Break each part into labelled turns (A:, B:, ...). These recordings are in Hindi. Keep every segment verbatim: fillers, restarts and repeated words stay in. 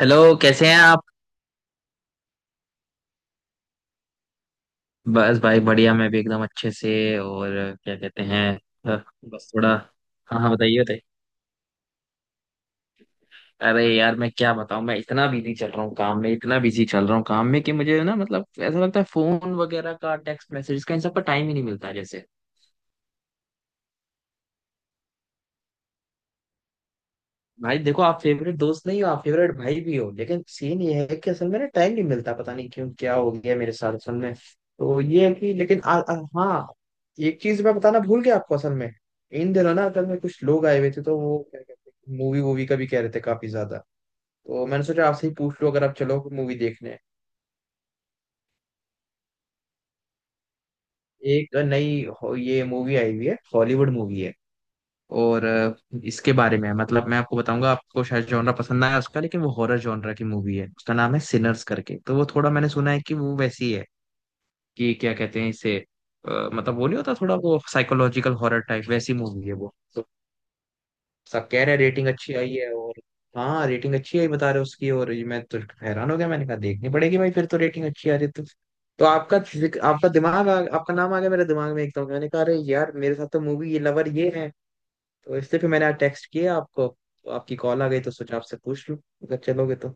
A: हेलो। कैसे हैं आप? बस भाई बढ़िया। मैं भी एकदम अच्छे से। और क्या कहते हैं? अ, बस थोड़ा। हाँ हाँ, बताइए बताइए। अरे यार, मैं क्या बताऊं। मैं इतना बिजी चल रहा हूँ काम में, इतना बिजी चल रहा हूँ काम में कि मुझे ना मतलब ऐसा लगता है फोन वगैरह का, टेक्स्ट मैसेज का, इन सब का टाइम ही नहीं मिलता जैसे। भाई देखो, आप फेवरेट दोस्त नहीं हो, आप फेवरेट भाई भी हो, लेकिन सीन ये है कि असल में ना टाइम नहीं मिलता, पता नहीं क्यों, क्या हो गया मेरे साथ, असल में तो ये है कि लेकिन आ, आ, हाँ। एक चीज मैं बताना भूल गया आपको असल में। इन दिनों ना असल में कुछ लोग आए हुए थे, तो वो क्या कहते हैं, मूवी वूवी का भी कह रहे थे काफी ज्यादा। तो मैंने सोचा आपसे ही पूछ लो, अगर आप चलो मूवी देखने। एक नई हो- ये मूवी आई हुई है, हॉलीवुड मूवी है, और अ, इसके बारे में है। मतलब मैं आपको बताऊंगा, आपको शायद जॉनरा पसंद ना आया उसका, लेकिन वो हॉरर जॉनरा की मूवी है। उसका नाम है सिनर्स करके। तो वो थोड़ा मैंने सुना है कि वो वैसी है कि क्या कहते हैं इसे, अ, मतलब वो नहीं होता थोड़ा वो साइकोलॉजिकल हॉरर टाइप, वैसी मूवी है वो तो। सब कह रहे हैं रेटिंग अच्छी आई है, और हाँ, रेटिंग अच्छी आई बता रहे हो उसकी, और ये मैं तो हैरान हो गया, मैंने कहा देखनी पड़ेगी भाई, फिर तो रेटिंग अच्छी आ रही है तो। तो आपका फिजिक- आपका दिमाग, आ, आपका नाम आ गया मेरे दिमाग में एकदम। मैंने कहा अरे यार, मेरे साथ तो मूवी ये लवर ये है। तो इसलिए फिर मैंने टेक्स्ट किया आपको। आपकी कॉल आ गई तो सोचा आपसे पूछ लूं, अगर चलोगे तो।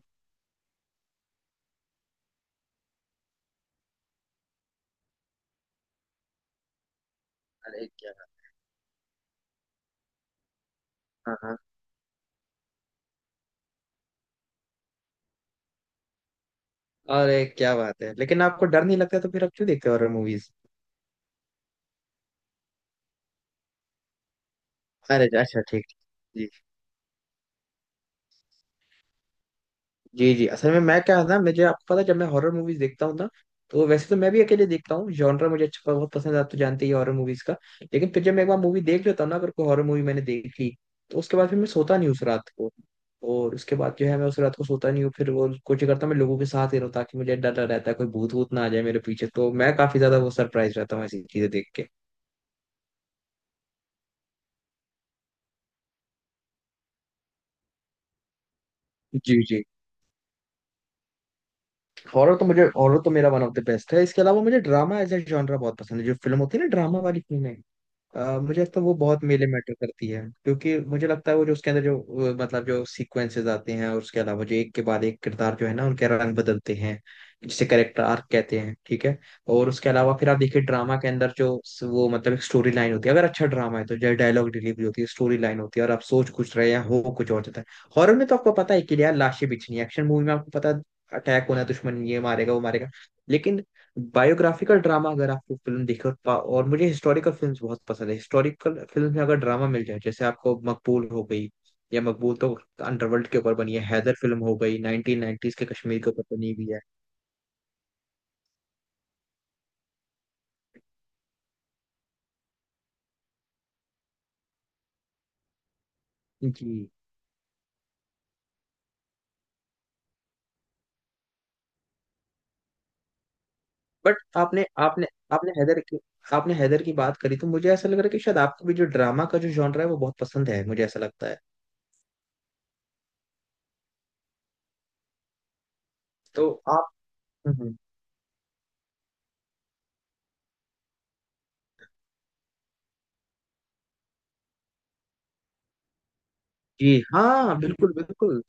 A: अरे क्या बात। हाँ हाँ। अरे क्या बात है, लेकिन आपको डर नहीं लगता तो फिर आप क्यों देखते हो हॉरर मूवीज? अरे अच्छा, ठीक ठीक। जी। जी जी, असल में मैं क्या है ना, मुझे आपको पता है, जब मैं हॉरर मूवीज देखता हूँ ना, तो वैसे तो मैं भी अकेले देखता हूँ, जॉनर मुझे अच्छा बहुत पसंद है, आप तो जानते ही हॉरर मूवीज का। लेकिन फिर जब मैं एक बार मूवी देख लेता हूँ ना, अगर कोई हॉरर मूवी मैंने देख ली, तो उसके बाद फिर मैं सोता नहीं उस रात को। और उसके बाद जो है मैं उस रात को सोता नहीं हूँ, फिर वो कोशिश करता हूँ मैं लोगों के साथ ही रहूँ, ताकि मुझे डर, डर रहता है कोई भूत भूत ना आ जाए मेरे पीछे, तो मैं काफी ज्यादा वो सरप्राइज रहता हूँ ऐसी चीजें देख के। जी जी। हॉरर तो, मुझे हॉरर तो मेरा वन ऑफ द बेस्ट है। इसके अलावा मुझे ड्रामा एज ए जॉनरा बहुत पसंद है, जो फिल्म होती है ना ड्रामा वाली फिल्में। अ, मुझे लगता है वो बहुत मेले मैटर करती है, क्योंकि मुझे लगता है वो जो उसके अंदर जो, अ, मतलब जो सीक्वेंसेस आते हैं, और उसके अलावा जो एक के बाद एक किरदार जो है ना उनके रंग बदलते हैं, जिसे कैरेक्टर आर्क कहते हैं, ठीक है। और उसके अलावा फिर आप देखिए ड्रामा के अंदर जो स- वो मतलब एक स्टोरी लाइन होती है, अगर अच्छा ड्रामा है, तो जो डायलॉग डिलीवरी होती है, स्टोरी लाइन होती है, और आप सोच कुछ रहे हैं हो कुछ और जाता है। हॉरर में तो आपको पता है कि यार लाशें बिछनी है, एक्शन मूवी में आपको पता है अटैक होना है, दुश्मन ये मारेगा वो मारेगा। लेकिन बायोग्राफिकल ड्रामा अगर आपको फिल्म देखे और, पा- और मुझे हिस्टोरिकल फिल्म्स बहुत पसंद है। हिस्टोरिकल फिल्म में अगर ड्रामा मिल जाए, जैसे आपको मकबूल हो गई, या मकबूल तो अंडरवर्ल्ड के ऊपर बनी है। हैदर फिल्म हो गई नाइंटीज के कश्मीर के ऊपर बनी हुई है। जी। बट आपने आपने आपने हैदर की आपने हैदर की बात करी तो मुझे ऐसा लग रहा है कि शायद आपको भी जो ड्रामा का जो जॉनर है वो बहुत पसंद है, मुझे ऐसा लगता है। तो आप, हम्म, जी हाँ, बिल्कुल बिल्कुल।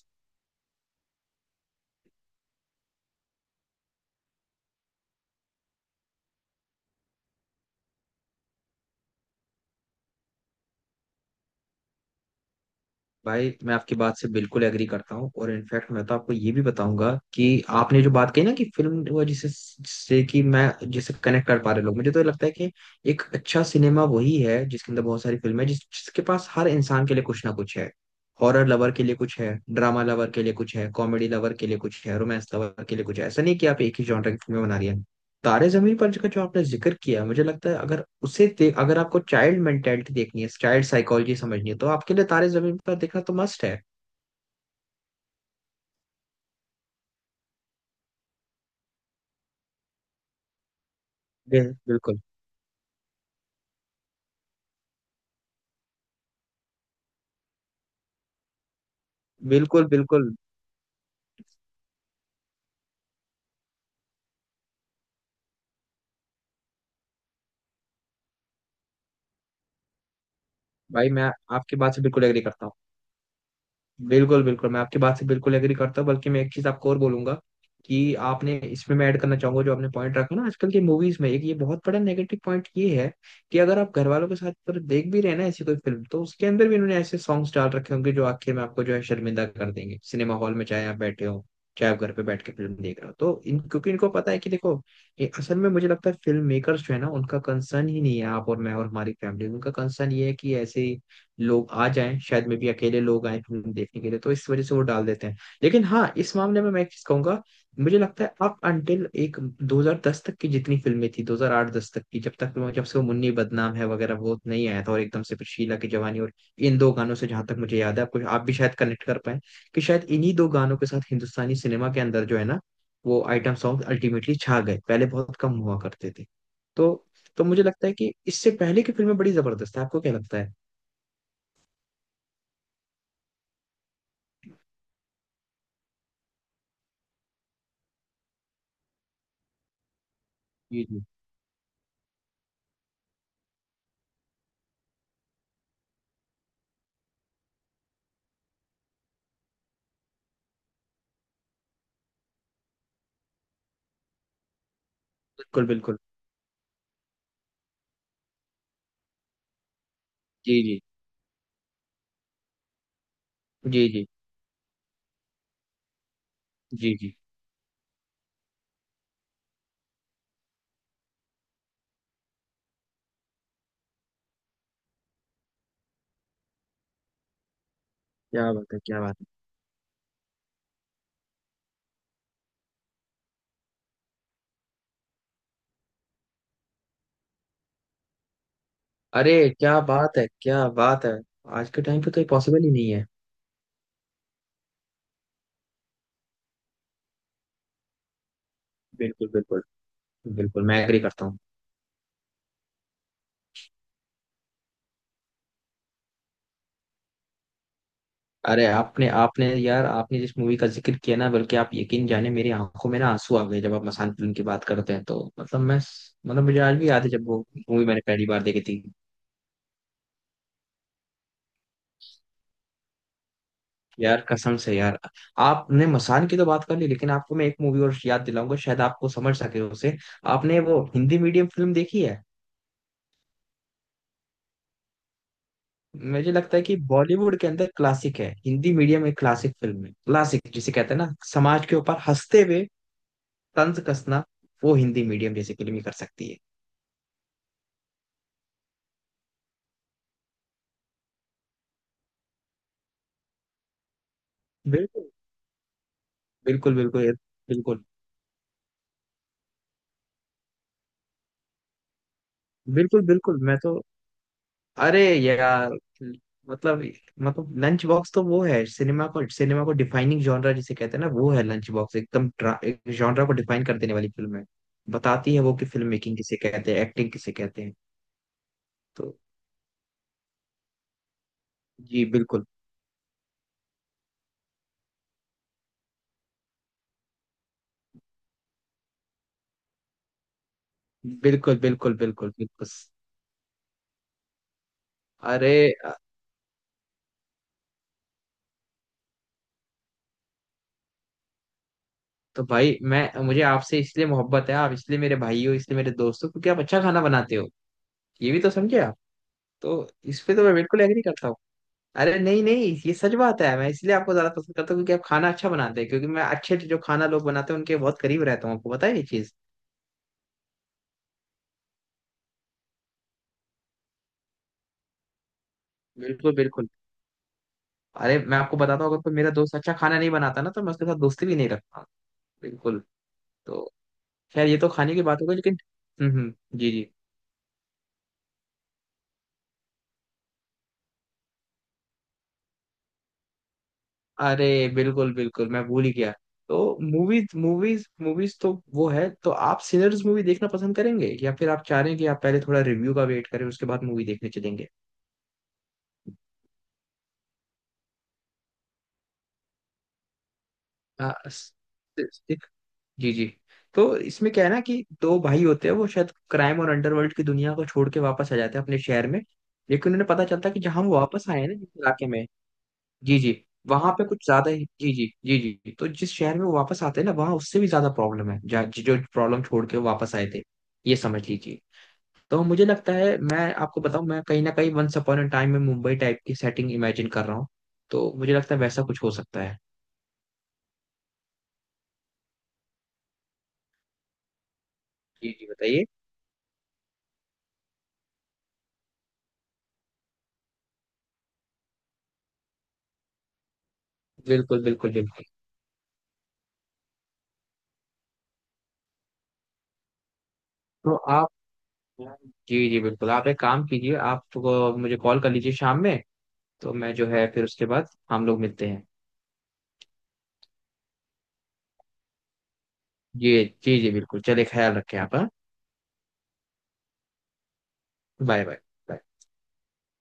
A: भाई मैं आपकी बात से बिल्कुल एग्री करता हूँ, और इनफैक्ट मैं तो आपको ये भी बताऊंगा कि आपने जो बात कही ना कि फिल्म वो जिसे जिससे कि मैं जिसे कनेक्ट कर पा रहे लोग, मुझे तो लगता है कि एक अच्छा सिनेमा वही है जिसके अंदर बहुत सारी फिल्म है, जिस, जिसके पास हर इंसान के लिए कुछ ना कुछ है। हॉरर लवर के लिए कुछ है, ड्रामा लवर के लिए कुछ है, कॉमेडी लवर के लिए कुछ है, रोमांस लवर के लिए कुछ है, ऐसा नहीं कि आप एक ही जॉनर की फिल्में बना रही है। तारे जमीन पर का जो आपने जिक्र किया, मुझे लगता है अगर उसे देख, अगर आपको चाइल्ड मेंटेलिटी देखनी है, चाइल्ड साइकोलॉजी समझनी है, तो आपके लिए तारे जमीन पर देखना तो मस्ट है। बिल- बिल्कुल बिल्कुल बिल्कुल, भाई मैं आपकी बात से बिल्कुल एग्री करता हूँ। बिल्कुल बिल्कुल, मैं आपकी बात से बिल्कुल एग्री करता हूँ, बल्कि मैं एक चीज आपको और बोलूंगा कि आपने इसमें मैं ऐड करना चाहूंगा, जो आपने पॉइंट रखा ना, आजकल की मूवीज में एक ये बहुत बड़ा नेगेटिव पॉइंट ये है कि अगर आप घर वालों के साथ पर देख भी रहे हैं ना ऐसी कोई फिल्म, तो उसके अंदर भी उन्होंने ऐसे सॉन्ग्स डाल रखे होंगे जो आखिर में आपको जो है शर्मिंदा कर देंगे, सिनेमा हॉल में चाहे आप बैठे हो, चाहे आप घर पे बैठ के फिल्म देख रहे हो, तो इन क्योंकि इनको पता है कि देखो ये असल में मुझे लगता है फिल्म मेकर्स जो है ना, उनका कंसर्न ही नहीं है आप और मैं और हमारी फैमिली। उनका कंसर्न ये है कि ऐसे लोग आ जाएं, शायद में भी अकेले लोग आए फिल्म देखने के लिए, तो इस वजह से वो डाल देते हैं। लेकिन हाँ, इस मामले में मैं एक चीज कहूंगा। मुझे लगता है अप अंटिल एक दो हज़ार दस तक की जितनी फिल्में थी, दो हज़ार आठ-दस तक की, जब तक वो- जब से वो मुन्नी बदनाम है वगैरह वो नहीं आया था, और एकदम से फिर शीला की जवानी, और इन दो गानों से जहां तक मुझे याद है आपको, आप भी शायद कनेक्ट कर पाए कि शायद इन्हीं दो गानों के साथ हिंदुस्तानी सिनेमा के अंदर जो है ना, वो आइटम सॉन्ग अल्टीमेटली छा गए, पहले बहुत कम हुआ करते थे। तो तो मुझे लगता है कि इससे पहले की फिल्में बड़ी जबरदस्त है, आपको क्या लगता है? जी बिल्कुल बिल्कुल। जी जी जी। जी जी जी। क्या बात है, क्या बात है। अरे क्या बात है, क्या बात है। आज के टाइम पे तो ये पॉसिबल ही नहीं है। बिल्कुल बिल्कुल। बिल्कुल, मैं एग्री करता हूँ। अरे आपने आपने यार, आपने जिस मूवी का जिक्र किया ना, बल्कि आप यकीन जाने मेरी आंखों में ना आंसू आ गए, जब आप मसान फिल्म की बात करते हैं, तो मतलब मैं, मतलब मुझे आज भी याद है जब वो मूवी मैंने पहली बार देखी थी। यार कसम से यार, आपने मसान की तो बात कर ली, लेकिन आपको मैं एक मूवी और याद दिलाऊंगा, शायद आपको समझ सके उसे। आपने वो हिंदी मीडियम फिल्म देखी है? मुझे लगता है कि बॉलीवुड के अंदर क्लासिक है, हिंदी मीडियम एक क्लासिक फिल्म है, क्लासिक जिसे कहते हैं ना, समाज के ऊपर हंसते हुए तंज कसना वो हिंदी मीडियम जैसी फिल्म ही कर सकती है। बिल्कुल बिल्कुल बिल्कुल। बिल्कुल बिल्कुल बिल्कुल। मैं तो अरे यार, मतलब मतलब लंच बॉक्स तो वो है, सिनेमा को सिनेमा को डिफाइनिंग जॉनरा जिसे कहते हैं ना, वो है लंच बॉक्स। एकदम ट्रा- एक जॉनरा को डिफाइन कर देने वाली फिल्म है। बताती है वो कि फिल्म मेकिंग किसे कहते हैं, एक्टिंग किसे कहते हैं। तो जी बिल्कुल बिल्कुल बिल्कुल। बिल्कुल बिल्कुल। अरे अ, तो भाई, मैं मुझे आपसे इसलिए मोहब्बत है, आप इसलिए मेरे भाई हो, इसलिए मेरे दोस्त हो, क्योंकि आप अच्छा खाना बनाते हो। ये भी तो समझे आप। तो इस पे तो मैं बिल्कुल एग्री करता हूँ। अरे नहीं नहीं, ये सच बात है। मैं इसलिए आपको ज्यादा पसंद करता हूँ क्योंकि आप खाना अच्छा बनाते हैं, क्योंकि मैं अच्छे जो खाना लोग बनाते हैं उनके बहुत करीब रहता हूँ, आपको पता है ये चीज। बिल्कुल बिल्कुल। अरे मैं आपको बताता हूँ, अगर कोई मेरा दोस्त अच्छा खाना नहीं बनाता ना, तो मैं उसके साथ दोस्ती भी नहीं रखता। बिल्कुल। तो खैर, ये तो खाने की बात हो गई लेकिन। हम्म हम्म। जी जी। अरे बिल्कुल बिल्कुल, मैं भूल ही गया। तो मूवीज मूवीज मूवीज तो वो है, तो आप सिनर्स मूवी देखना पसंद करेंगे, या फिर आप चाह रहे हैं कि आप पहले थोड़ा रिव्यू का वेट करें उसके बाद मूवी देखने चलेंगे? आ, स- स- जी जी। तो इसमें क्या है ना कि दो भाई होते हैं, वो शायद क्राइम और अंडरवर्ल्ड की दुनिया को छोड़ के वापस आ जाते हैं अपने शहर में। लेकिन उन्हें पता चलता है कि जहां वो वापस आए हैं ना, जिस इलाके में जी जी, वहां पे कुछ ज्यादा ही। जी जी जी। जी, तो जिस शहर में वो वापस आते हैं ना, वहां उससे भी ज्यादा प्रॉब्लम है, जा- जो प्रॉब्लम छोड़ के वो वापस आए थे, ये समझ लीजिए। तो मुझे लगता है मैं आपको बताऊं, मैं कहीं ना कहीं वंस अपॉन अ टाइम में मुंबई टाइप की सेटिंग इमेजिन कर रहा हूँ। तो मुझे लगता है वैसा कुछ हो सकता है। जी जी, बताइए। बिल्कुल बिल्कुल बिल्कुल। तो आप, जी जी बिल्कुल, आप एक काम कीजिए, आप तो मुझे कॉल कर लीजिए शाम में। तो मैं जो है फिर उसके बाद हम लोग मिलते हैं। जी जी जी बिल्कुल, चलिए, ख्याल रखें आप, हाँ? Bye bye.